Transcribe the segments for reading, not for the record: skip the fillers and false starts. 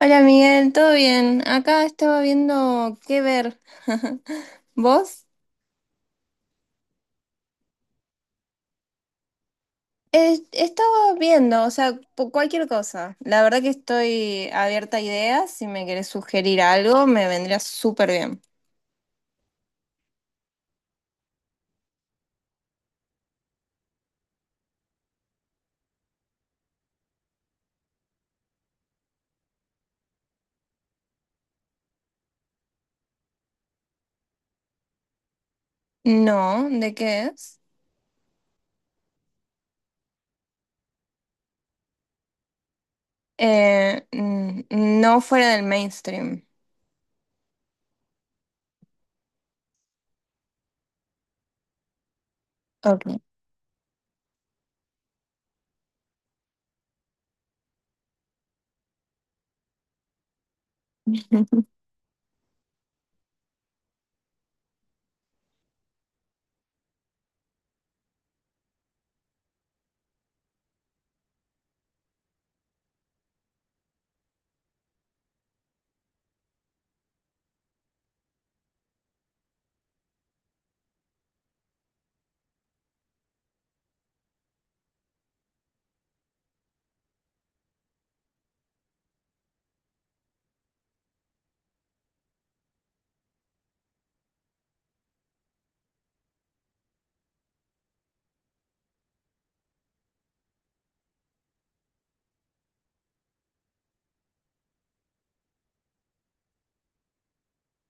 Hola Miguel, ¿todo bien? Acá estaba viendo qué ver. ¿Vos? Estaba viendo, o sea, cualquier cosa. La verdad que estoy abierta a ideas. Si me querés sugerir algo, me vendría súper bien. No, ¿de qué es? Eh, mm, no fuera del mainstream. Ok.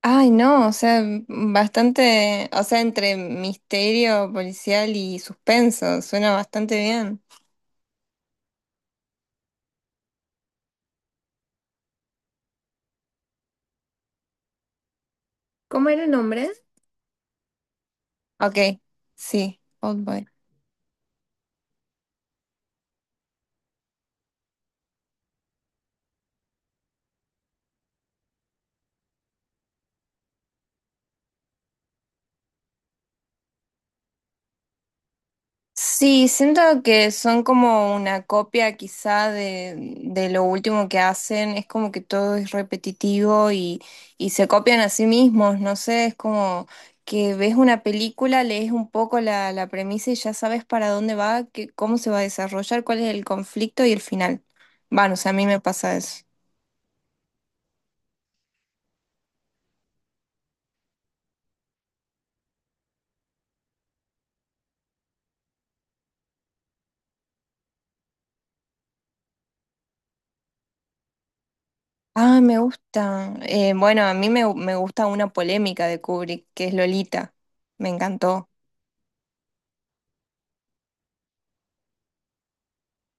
Ay, no, o sea, bastante, o sea, entre misterio policial y suspenso. Suena bastante bien. ¿Cómo era el nombre? Ok, sí, Old Boy. Sí, siento que son como una copia quizá de lo último que hacen, es como que todo es repetitivo y se copian a sí mismos, no sé, es como que ves una película, lees un poco la premisa y ya sabes para dónde va, que, cómo se va a desarrollar, cuál es el conflicto y el final. Bueno, o sea, a mí me pasa eso. Ah, me gusta. Bueno, a mí me gusta una polémica de Kubrick, que es Lolita. Me encantó.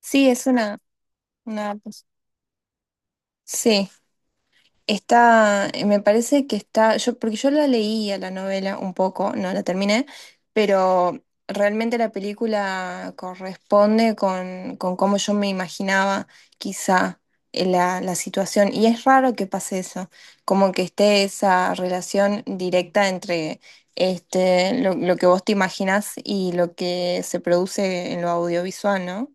Sí, es una, sí, está, me parece que está, yo, porque yo la leía la novela un poco, no la terminé, pero realmente la película corresponde con cómo yo me imaginaba quizá la, la situación. Y es raro que pase eso, como que esté esa relación directa entre este, lo que vos te imaginás y lo que se produce en lo audiovisual, ¿no?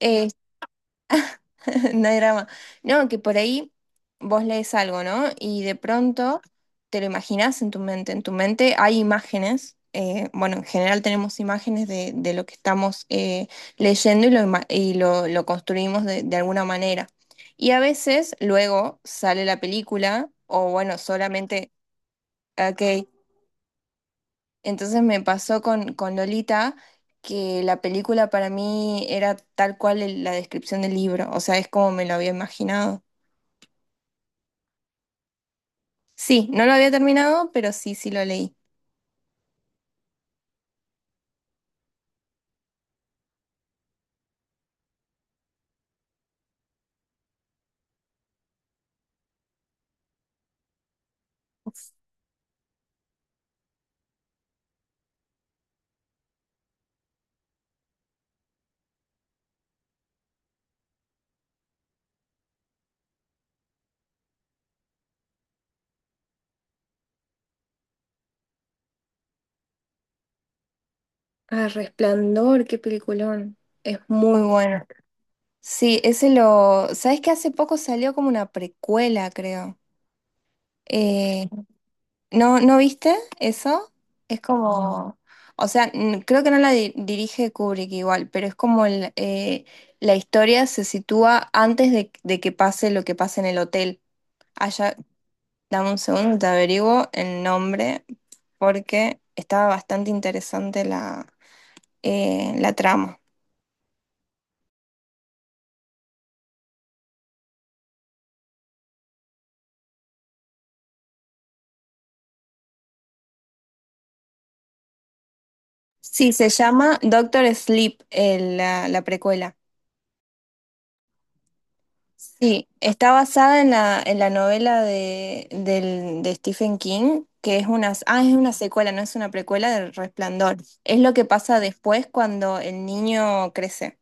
Eh, No hay drama. No, que por ahí vos lees algo, ¿no? Y de pronto te lo imaginás en tu mente. En tu mente hay imágenes. Bueno, en general tenemos imágenes de lo que estamos leyendo y lo, y lo construimos de alguna manera. Y a veces luego sale la película o bueno, solamente, ok. Entonces me pasó con Lolita que la película para mí era tal cual la descripción del libro. O sea, es como me lo había imaginado. Sí, no lo había terminado, pero sí, sí lo leí. Ah, Resplandor, qué peliculón. Es muy muy... bueno. Sí, ese lo... ¿Sabes que hace poco salió como una precuela, creo? Eh, ¿No, no viste eso? Es como... O sea, creo que no la dirige Kubrick igual, pero es como el, la historia se sitúa antes de que pase lo que pasa en el hotel. Allá, dame un segundo, te averiguo el nombre porque estaba bastante interesante la, la trama. Sí, se llama Doctor Sleep, la, la precuela. Sí, está basada en la novela de, de Stephen King, que es una, ah, es una secuela, no es una precuela del Resplandor. Es lo que pasa después cuando el niño crece.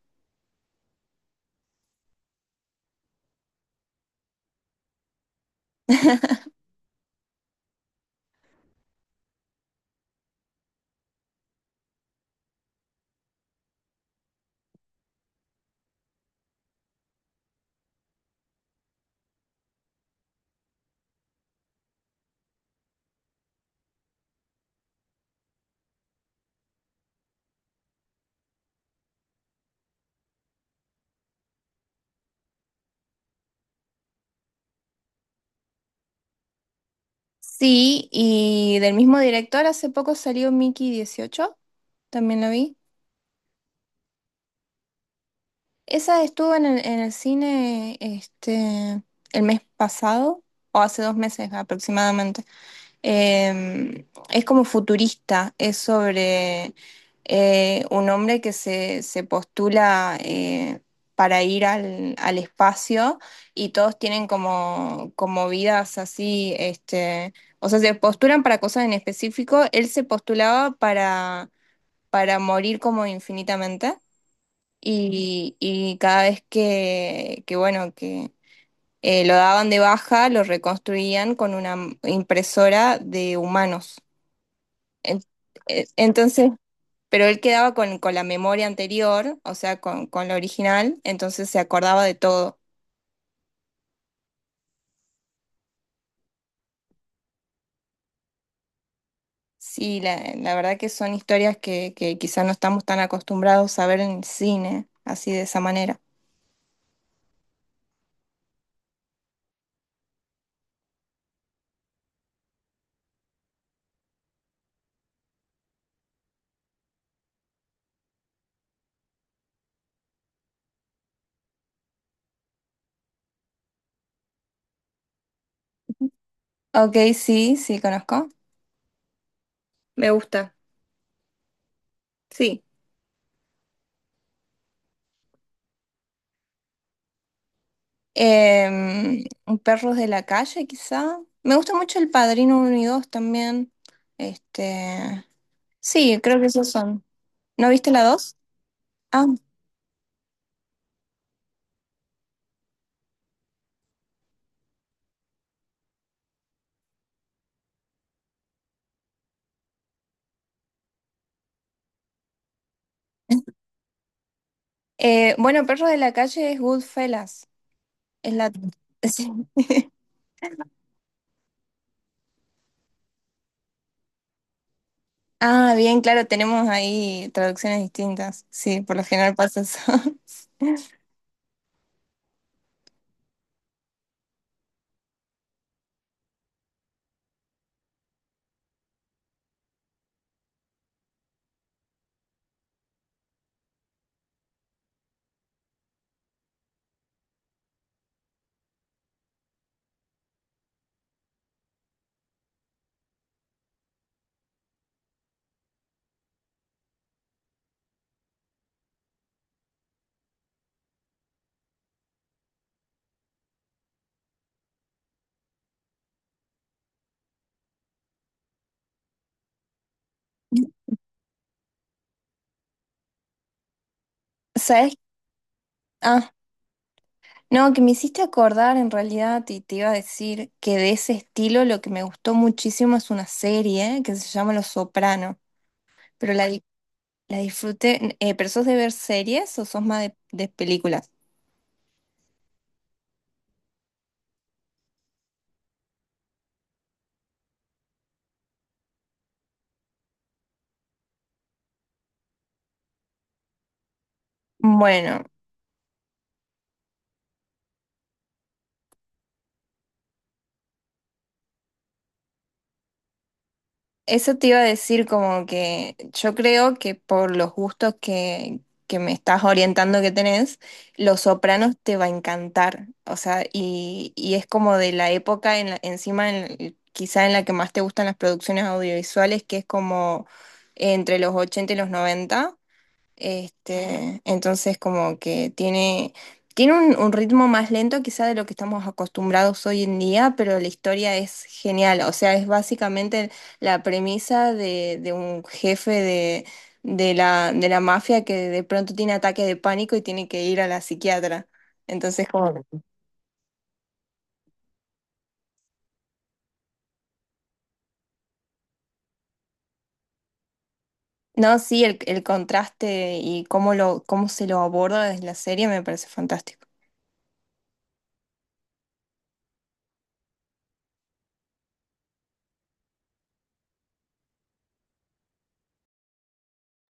Sí, y del mismo director hace poco salió Mickey 18, también lo vi. Esa estuvo en el cine este, el mes pasado, o hace dos meses aproximadamente. Es como futurista, es sobre un hombre que se postula para ir al, al espacio y todos tienen como, como vidas así, este, o sea, se postulan para cosas en específico. Él se postulaba para morir como infinitamente y cada vez que bueno, que lo daban de baja, lo reconstruían con una impresora de humanos. En- Entonces, pero él quedaba con la memoria anterior, o sea, con la original, entonces se acordaba de todo. Sí, la verdad que son historias que quizás no estamos tan acostumbrados a ver en el cine, así de esa manera. Ok, sí, sí, conozco. Me gusta. Sí. Em, Perros de la calle, quizá. Me gusta mucho El Padrino uno y 2 también. Este, sí, creo que esos son. ¿No viste la 2? Ah, bueno, Perros de la calle es Goodfellas. Es la... sí. Ah, bien, claro, tenemos ahí traducciones distintas. Sí, por lo general pasa eso. ¿Sabes? Ah, no, que me hiciste acordar en realidad y te iba a decir que de ese estilo lo que me gustó muchísimo es una serie que se llama Los Sopranos. Pero la, la disfruté. ¿Pero sos de ver series o sos más de películas? Bueno, eso te iba a decir como que yo creo que por los gustos que me estás orientando que tenés, Los Sopranos te va a encantar. O sea, y es como de la época en encima quizá en la que más te gustan las producciones audiovisuales, que es como entre los 80 y los 90. Este, entonces como que tiene, tiene un ritmo más lento quizá de lo que estamos acostumbrados hoy en día, pero la historia es genial. O sea, es básicamente la premisa de un jefe de la mafia que de pronto tiene ataque de pánico y tiene que ir a la psiquiatra. Entonces, como... No, sí, el contraste y cómo lo, cómo se lo aborda desde la serie me parece fantástico.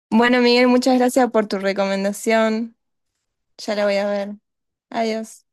Bueno, Miguel, muchas gracias por tu recomendación. Ya la voy a ver. Adiós.